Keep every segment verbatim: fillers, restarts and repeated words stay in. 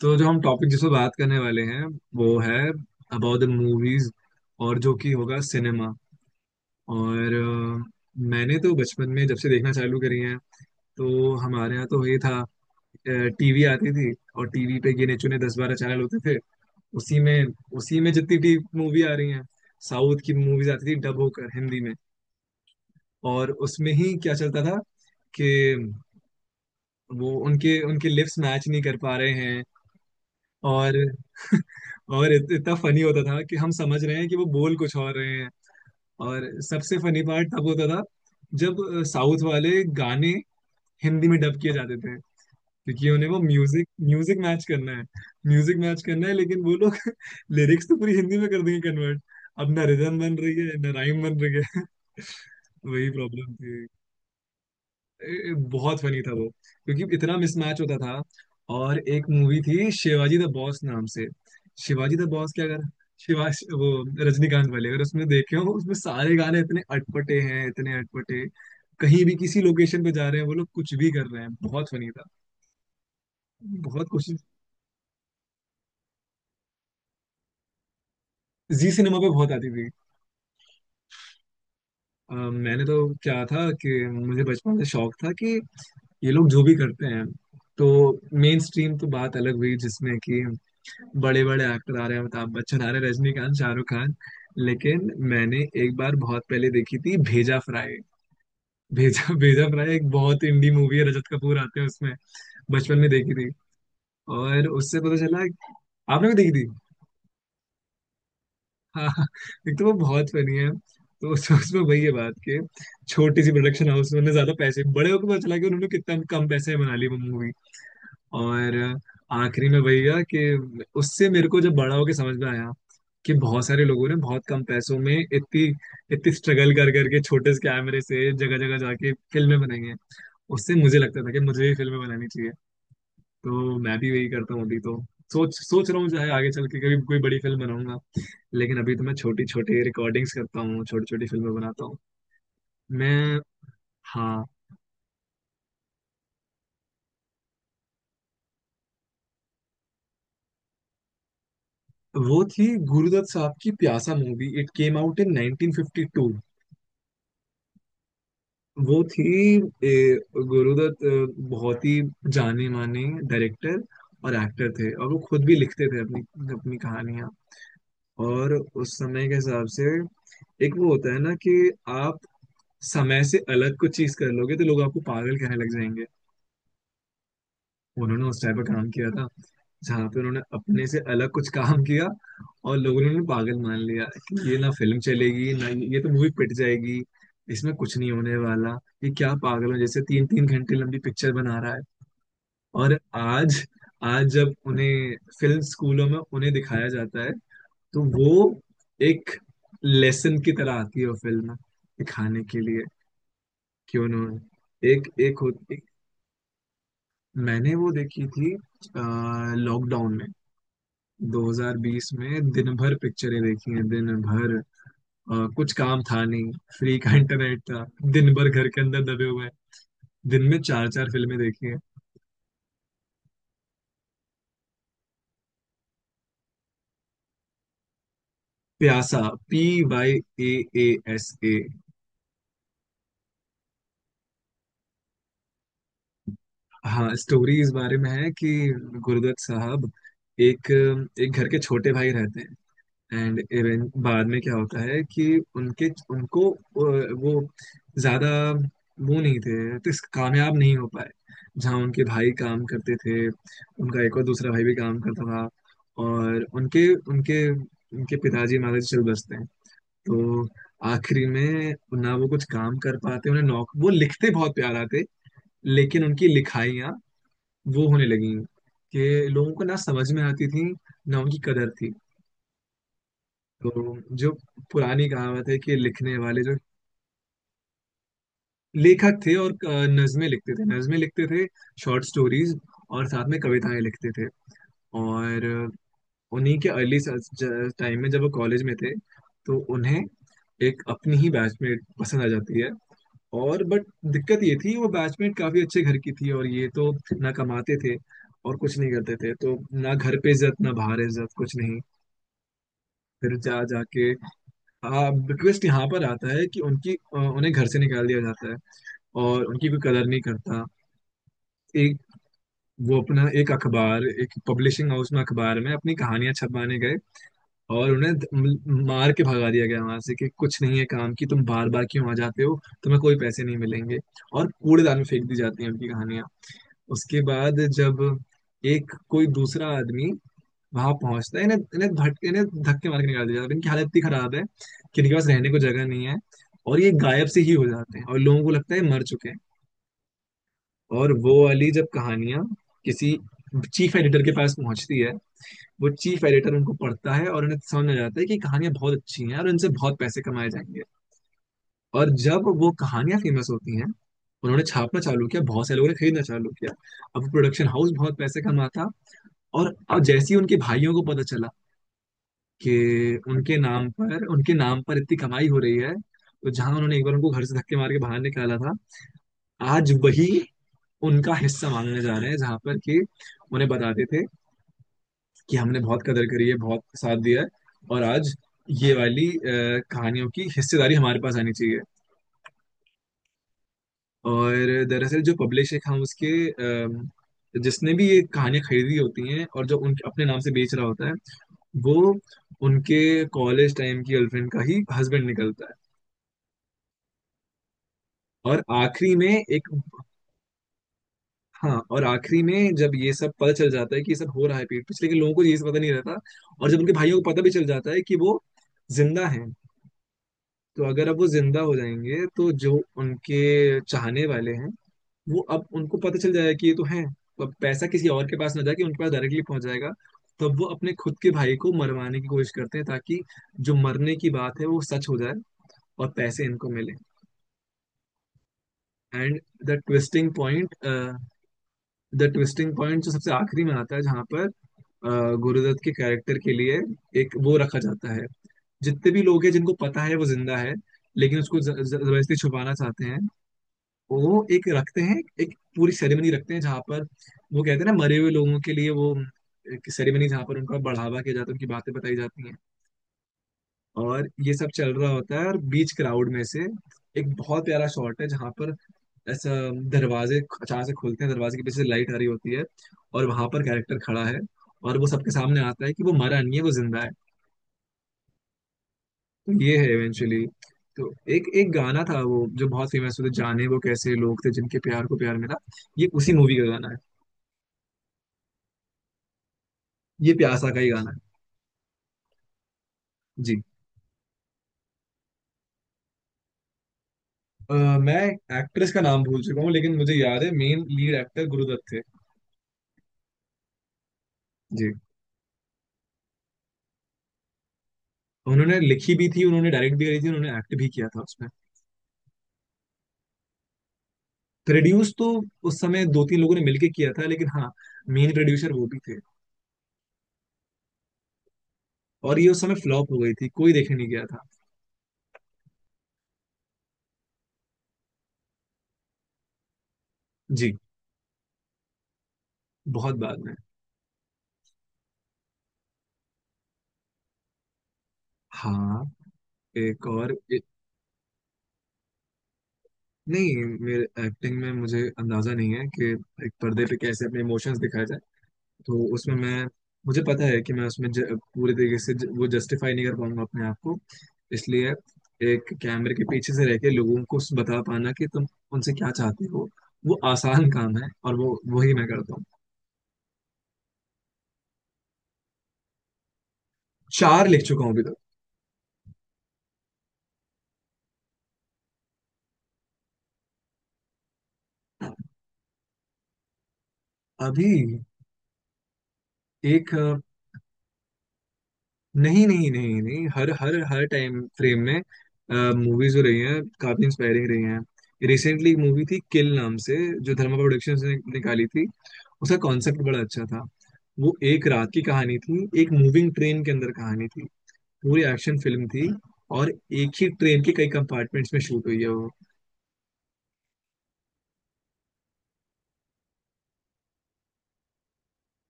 तो जो हम टॉपिक जिस पर बात करने वाले हैं वो है अबाउट द मूवीज। और जो कि होगा सिनेमा। और अ, मैंने तो बचपन में जब से देखना चालू करी है, तो हमारे यहाँ तो ये था। टीवी आती थी और टीवी पे गिने चुने दस बारह चैनल होते थे। उसी में उसी में जितनी भी मूवी आ रही हैं, साउथ की मूवीज आती थी डब होकर हिंदी में। और उसमें ही क्या चलता था कि वो उनके उनके लिप्स मैच नहीं कर पा रहे हैं। और और इत, इतना फनी होता था कि हम समझ रहे हैं कि वो बोल कुछ और रहे हैं। और सबसे फनी पार्ट तब होता था जब अ, साउथ वाले गाने हिंदी में डब किए जाते थे, क्योंकि उन्हें वो म्यूजिक म्यूजिक मैच करना है। म्यूजिक मैच करना है, लेकिन वो लोग लिरिक्स तो पूरी हिंदी में कर देंगे कन्वर्ट। अब ना रिदम बन रही है ना राइम बन रही है। वही प्रॉब्लम थी। ए, बहुत फनी था वो, क्योंकि इतना मिसमैच होता था। और एक मूवी थी शिवाजी द बॉस नाम से। शिवाजी द बॉस क्या अगर शिवा वो रजनीकांत वाले अगर उसमें देखे हो, उसमें सारे गाने इतने अटपटे हैं, इतने अटपटे। कहीं भी किसी लोकेशन पे जा रहे हैं वो लोग, कुछ भी कर रहे हैं, बहुत फनी था। बहुत कोशिश। जी, सिनेमा पे बहुत आती थी। अ, मैंने तो क्या था कि मुझे बचपन से शौक था कि ये लोग जो भी करते हैं, तो मेन स्ट्रीम तो बात अलग हुई जिसमें कि बड़े बड़े एक्टर आ रहे हैं, अमिताभ बच्चन आ रहे हैं, रजनीकांत, शाहरुख खान। लेकिन मैंने एक बार बहुत पहले देखी थी भेजा फ्राई। भेजा भेजा फ्राई एक बहुत इंडी मूवी है, रजत कपूर आते हैं उसमें। बचपन में देखी थी और उससे पता चला। आपने भी देखी थी। हाँ हाँ, एक तो वो बहुत फनी है। तो उस- उसमें वही है बात कि छोटी सी प्रोडक्शन हाउस में उन्होंने ज्यादा पैसे, बड़े होकर पता चला कि उन्होंने कितना कम पैसे में बना ली वो मूवी। और आखिरी में वही हुआ कि उससे मेरे को जब बड़ा होके समझ में आया कि बहुत सारे लोगों ने बहुत कम पैसों में इतनी इतनी स्ट्रगल कर करके छोटे से कैमरे से जगह जगह जाके फिल्में बनाई हैं। उससे मुझे लगता था कि मुझे भी फिल्में बनानी चाहिए। तो मैं भी वही करता हूँ, अभी तो सोच सोच रहा हूँ, चाहे आगे चल के कभी कोई बड़ी फिल्म बनाऊंगा, लेकिन अभी तो मैं छोटी छोटी रिकॉर्डिंग्स करता हूँ, छोटी छोटी फिल्में बनाता हूँ मैं। हाँ। वो थी गुरुदत्त साहब की Pyaasa movie, it came out in nineteen fifty to. वो थी, ए, गुरुदत्त अ, बहुत ही जाने माने डायरेक्टर और एक्टर थे, और वो खुद भी लिखते थे अपनी अपनी कहानियां। और उस समय के हिसाब से, एक वो होता है ना कि आप समय से अलग कुछ चीज कर लोगे तो लोग आपको पागल कहने लग जाएंगे। उन्होंने उस टाइप का काम किया था, जहाँ पे उन्होंने अपने से अलग कुछ काम किया, और लोगों ने उन्हें पागल मान लिया कि ये ना फिल्म चलेगी, ना ये ये तो मूवी पिट जाएगी, इसमें कुछ नहीं होने वाला। ये क्या पागलों जैसे तीन तीन घंटे लंबी पिक्चर बना रहा है। और आज आज जब उन्हें फिल्म स्कूलों में उन्हें दिखाया जाता है, तो वो एक लेसन की तरह आती है, वो फिल्म दिखाने के लिए कि उन्होंने एक एक होती। मैंने वो देखी थी लॉकडाउन में, दो हज़ार बीस में। दिन भर पिक्चरें देखी हैं दिन भर। अ, कुछ काम था नहीं, फ्री का इंटरनेट था, दिन भर घर के अंदर दबे हुए हैं। दिन में चार चार फिल्में देखी हैं। Pyaasa. P Y A A S A. हाँ, स्टोरी इस बारे में है कि गुरुदत्त साहब एक एक घर के छोटे भाई रहते हैं। एंड इवन बाद में क्या होता है कि उनके, उनको अ, वो ज्यादा वो नहीं थे तो इस कामयाब नहीं हो पाए। जहाँ उनके भाई काम करते थे, उनका एक और दूसरा भाई भी काम करता था। और उनके उनके उनके पिताजी माता जी चल बसते हैं। तो आखिरी में ना वो कुछ काम कर पाते, उन्हें नौक वो लिखते बहुत प्यार आते, लेकिन उनकी लिखाइयाँ वो होने लगी कि लोगों को ना समझ में आती थी, ना उनकी कदर थी। तो जो पुरानी कहावत है कि लिखने वाले जो लेखक थे, और अ, नज्में लिखते थे नज्में लिखते थे, शॉर्ट स्टोरीज और साथ में कविताएं लिखते थे। और अ, उन्हीं के अर्ली टाइम में जब वो कॉलेज में थे, तो उन्हें एक अपनी ही बैचमेट पसंद आ जाती है। और बट दिक्कत ये थी वो बैचमेट काफी अच्छे घर की थी और ये तो ना कमाते थे और कुछ नहीं करते थे। तो ना घर पे इज्जत, ना बाहर इज्जत, कुछ नहीं। फिर जा जाके रिक्वेस्ट यहाँ पर आता है कि उनकी अ, उन्हें घर से निकाल दिया जाता है और उनकी कोई कदर नहीं करता। एक वो अपना एक अखबार, एक पब्लिशिंग हाउस में अखबार में अपनी कहानियां छपवाने गए, और उन्हें ध- म- मार के भगा दिया गया वहां से कि कुछ नहीं है काम की, तुम बार बार क्यों आ जाते हो, तुम्हें कोई पैसे नहीं मिलेंगे। और कूड़ेदान में फेंक दी जाती हैं उनकी कहानियां। उसके बाद जब एक कोई दूसरा आदमी वहां पहुंचते हैं, इन्हें इन्हें भट इन्हें धक्के मार के निकाल दिया जाता है। इनकी हालत इतनी खराब है कि इनके पास रहने को जगह नहीं है, और ये गायब से ही हो जाते हैं और लोगों को लगता है मर चुके हैं। और वो वाली जब कहानियां किसी चीफ एडिटर के पास पहुंचती है, वो चीफ एडिटर उनको पढ़ता है और उन्हें समझ में आ जाता है कि कहानियां बहुत अच्छी हैं और इनसे बहुत पैसे कमाए जाएंगे। और जब वो कहानियां फेमस होती हैं, उन्होंने छापना चालू किया, बहुत से लोगों ने खरीदना चालू किया, अब प्रोडक्शन हाउस बहुत पैसे कमाता। और अब जैसे ही उनके भाइयों को पता चला कि उनके नाम पर उनके नाम पर इतनी कमाई हो रही है, तो जहां उन्होंने एक बार उनको घर से धक्के मार के बाहर निकाला था, आज वही उनका हिस्सा मांगने जा रहे हैं। जहां पर कि उन्हें बताते थे कि हमने बहुत कदर करी है, बहुत साथ दिया है, और आज ये वाली अ, कहानियों की हिस्सेदारी हमारे पास आनी चाहिए। और दरअसल जो पब्लिशर हाउस के अम, जिसने भी ये कहानियां खरीदी होती हैं और जो उनके अपने नाम से बेच रहा होता है, वो उनके कॉलेज टाइम की गर्लफ्रेंड का ही हस्बैंड निकलता है। और आखिरी में एक हाँ, और आखिरी में जब ये सब पता चल जाता है कि ये सब हो रहा है पीठ पीछे, लेकिन लोगों को ये सब पता नहीं रहता। और जब उनके भाइयों को पता भी चल जाता है कि वो जिंदा हैं, तो अगर अब वो जिंदा हो जाएंगे तो जो उनके चाहने वाले हैं, वो अब उनको पता चल जाएगा कि ये तो हैं, तो अब पैसा किसी और के पास ना जाके उनके पास डायरेक्टली पहुंच जाएगा। तब वो अपने खुद के भाई को मरवाने की कोशिश करते हैं ताकि जो मरने की बात है वो सच हो जाए और पैसे इनको मिले। And the twisting point the twisting point जो सबसे आखिरी में आता है, जहाँ पर अ, गुरुदत्त के कैरेक्टर के लिए एक वो रखा जाता है। जितने भी लोग हैं जिनको पता है वो जिंदा है, लेकिन उसको ज- ज- जबरदस्ती छुपाना चाहते हैं, वो एक रखते हैं, एक पूरी सेरेमनी रखते हैं जहाँ पर वो कहते हैं ना मरे हुए लोगों के लिए वो एक सेरेमनी, जहाँ पर उनका बढ़ावा किया जाता है, उनकी बातें बताई जाती हैं। और ये सब चल रहा होता है, और बीच क्राउड में से एक बहुत प्यारा शॉट है जहाँ पर ऐसा दरवाजे अचानक से खुलते हैं, दरवाजे के पीछे लाइट आ रही होती है, और वहां पर कैरेक्टर खड़ा है, और वो सबके सामने आता है कि वो मरा नहीं है, वो जिंदा है। तो ये है इवेंचुअली। तो एक एक गाना था वो जो बहुत फेमस हुआ था, जाने वो कैसे लोग थे जिनके प्यार को प्यार मिला, ये उसी मूवी का गाना है। ये प्यासा का ही गाना है। जी, अ, मैं एक्ट्रेस का नाम भूल चुका हूँ, लेकिन मुझे याद है मेन लीड एक्टर गुरुदत्त थे। जी, उन्होंने लिखी भी थी, उन्होंने डायरेक्ट भी करी थी, उन्होंने एक्ट भी किया था उसमें। प्रोड्यूस तो उस समय दो तीन लोगों ने मिलके किया था, लेकिन हाँ मेन प्रोड्यूसर वो भी थे। और ये उस समय फ्लॉप हो गई थी, कोई देखने नहीं गया था। जी। बहुत बाद में। हाँ। एक और एक, नहीं, मेरे एक्टिंग में मुझे अंदाजा नहीं है कि एक पर्दे पे कैसे अपने इमोशंस दिखाया जाए। तो उसमें मैं, मुझे पता है कि मैं उसमें ज, पूरे तरीके से ज, वो जस्टिफाई नहीं कर पाऊंगा अपने आप को। इसलिए एक कैमरे के पीछे से रह के लोगों को बता पाना कि तुम उनसे क्या चाहते हो, वो आसान काम है और वो वही मैं करता हूँ। चार लिख चुका हूँ अभी तक। अभी एक अ, नहीं नहीं नहीं नहीं, हर हर हर टाइम फ्रेम में मूवीज हो रही हैं, काफी इंस्पायरिंग रही हैं। रिसेंटली एक मूवी थी किल नाम से, जो धर्मा प्रोडक्शंस ने निकाली थी, उसका कॉन्सेप्ट बड़ा अच्छा था। वो एक रात की कहानी थी, एक मूविंग ट्रेन के अंदर कहानी थी, पूरी एक्शन फिल्म थी, और एक ही ट्रेन के कई कंपार्टमेंट्स में शूट हुई है वो।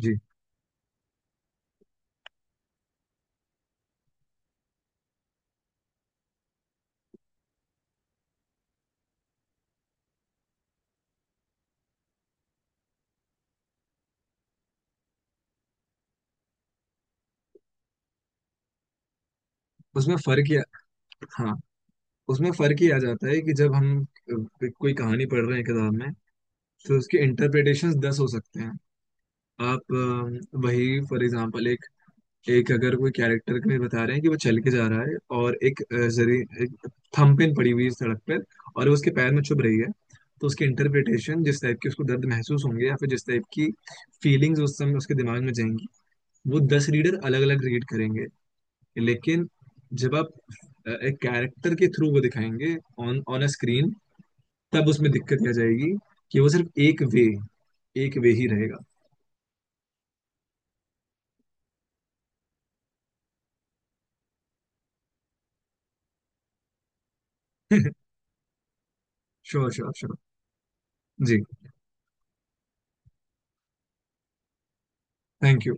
जी। उसमें फर्क ये हाँ, उसमें फर्क ये आ जाता है कि जब हम अ, कोई कहानी पढ़ रहे हैं किताब में, तो उसके इंटरप्रिटेशंस दस हो सकते हैं। आप अ, वही फॉर एग्जांपल, एक एक अगर कोई कैरेक्टर में बता रहे हैं कि वो चल के जा रहा है, और एक अ, जरी एक थंबप्रिंट पड़ी हुई है सड़क पर, और वो उसके पैर में चुभ रही है, तो उसकी इंटरप्रिटेशन जिस टाइप की उसको दर्द महसूस होंगे, या फिर जिस टाइप की फीलिंग्स उस समय उसके दिमाग में जाएंगी, वो दस रीडर अलग अलग रीड करेंगे। लेकिन जब आप अ, एक कैरेक्टर के थ्रू वो दिखाएंगे ऑन ऑन अ स्क्रीन, तब उसमें दिक्कत आ जाएगी कि वो सिर्फ एक वे एक वे ही रहेगा। Sure sure sure. जी। Thank you.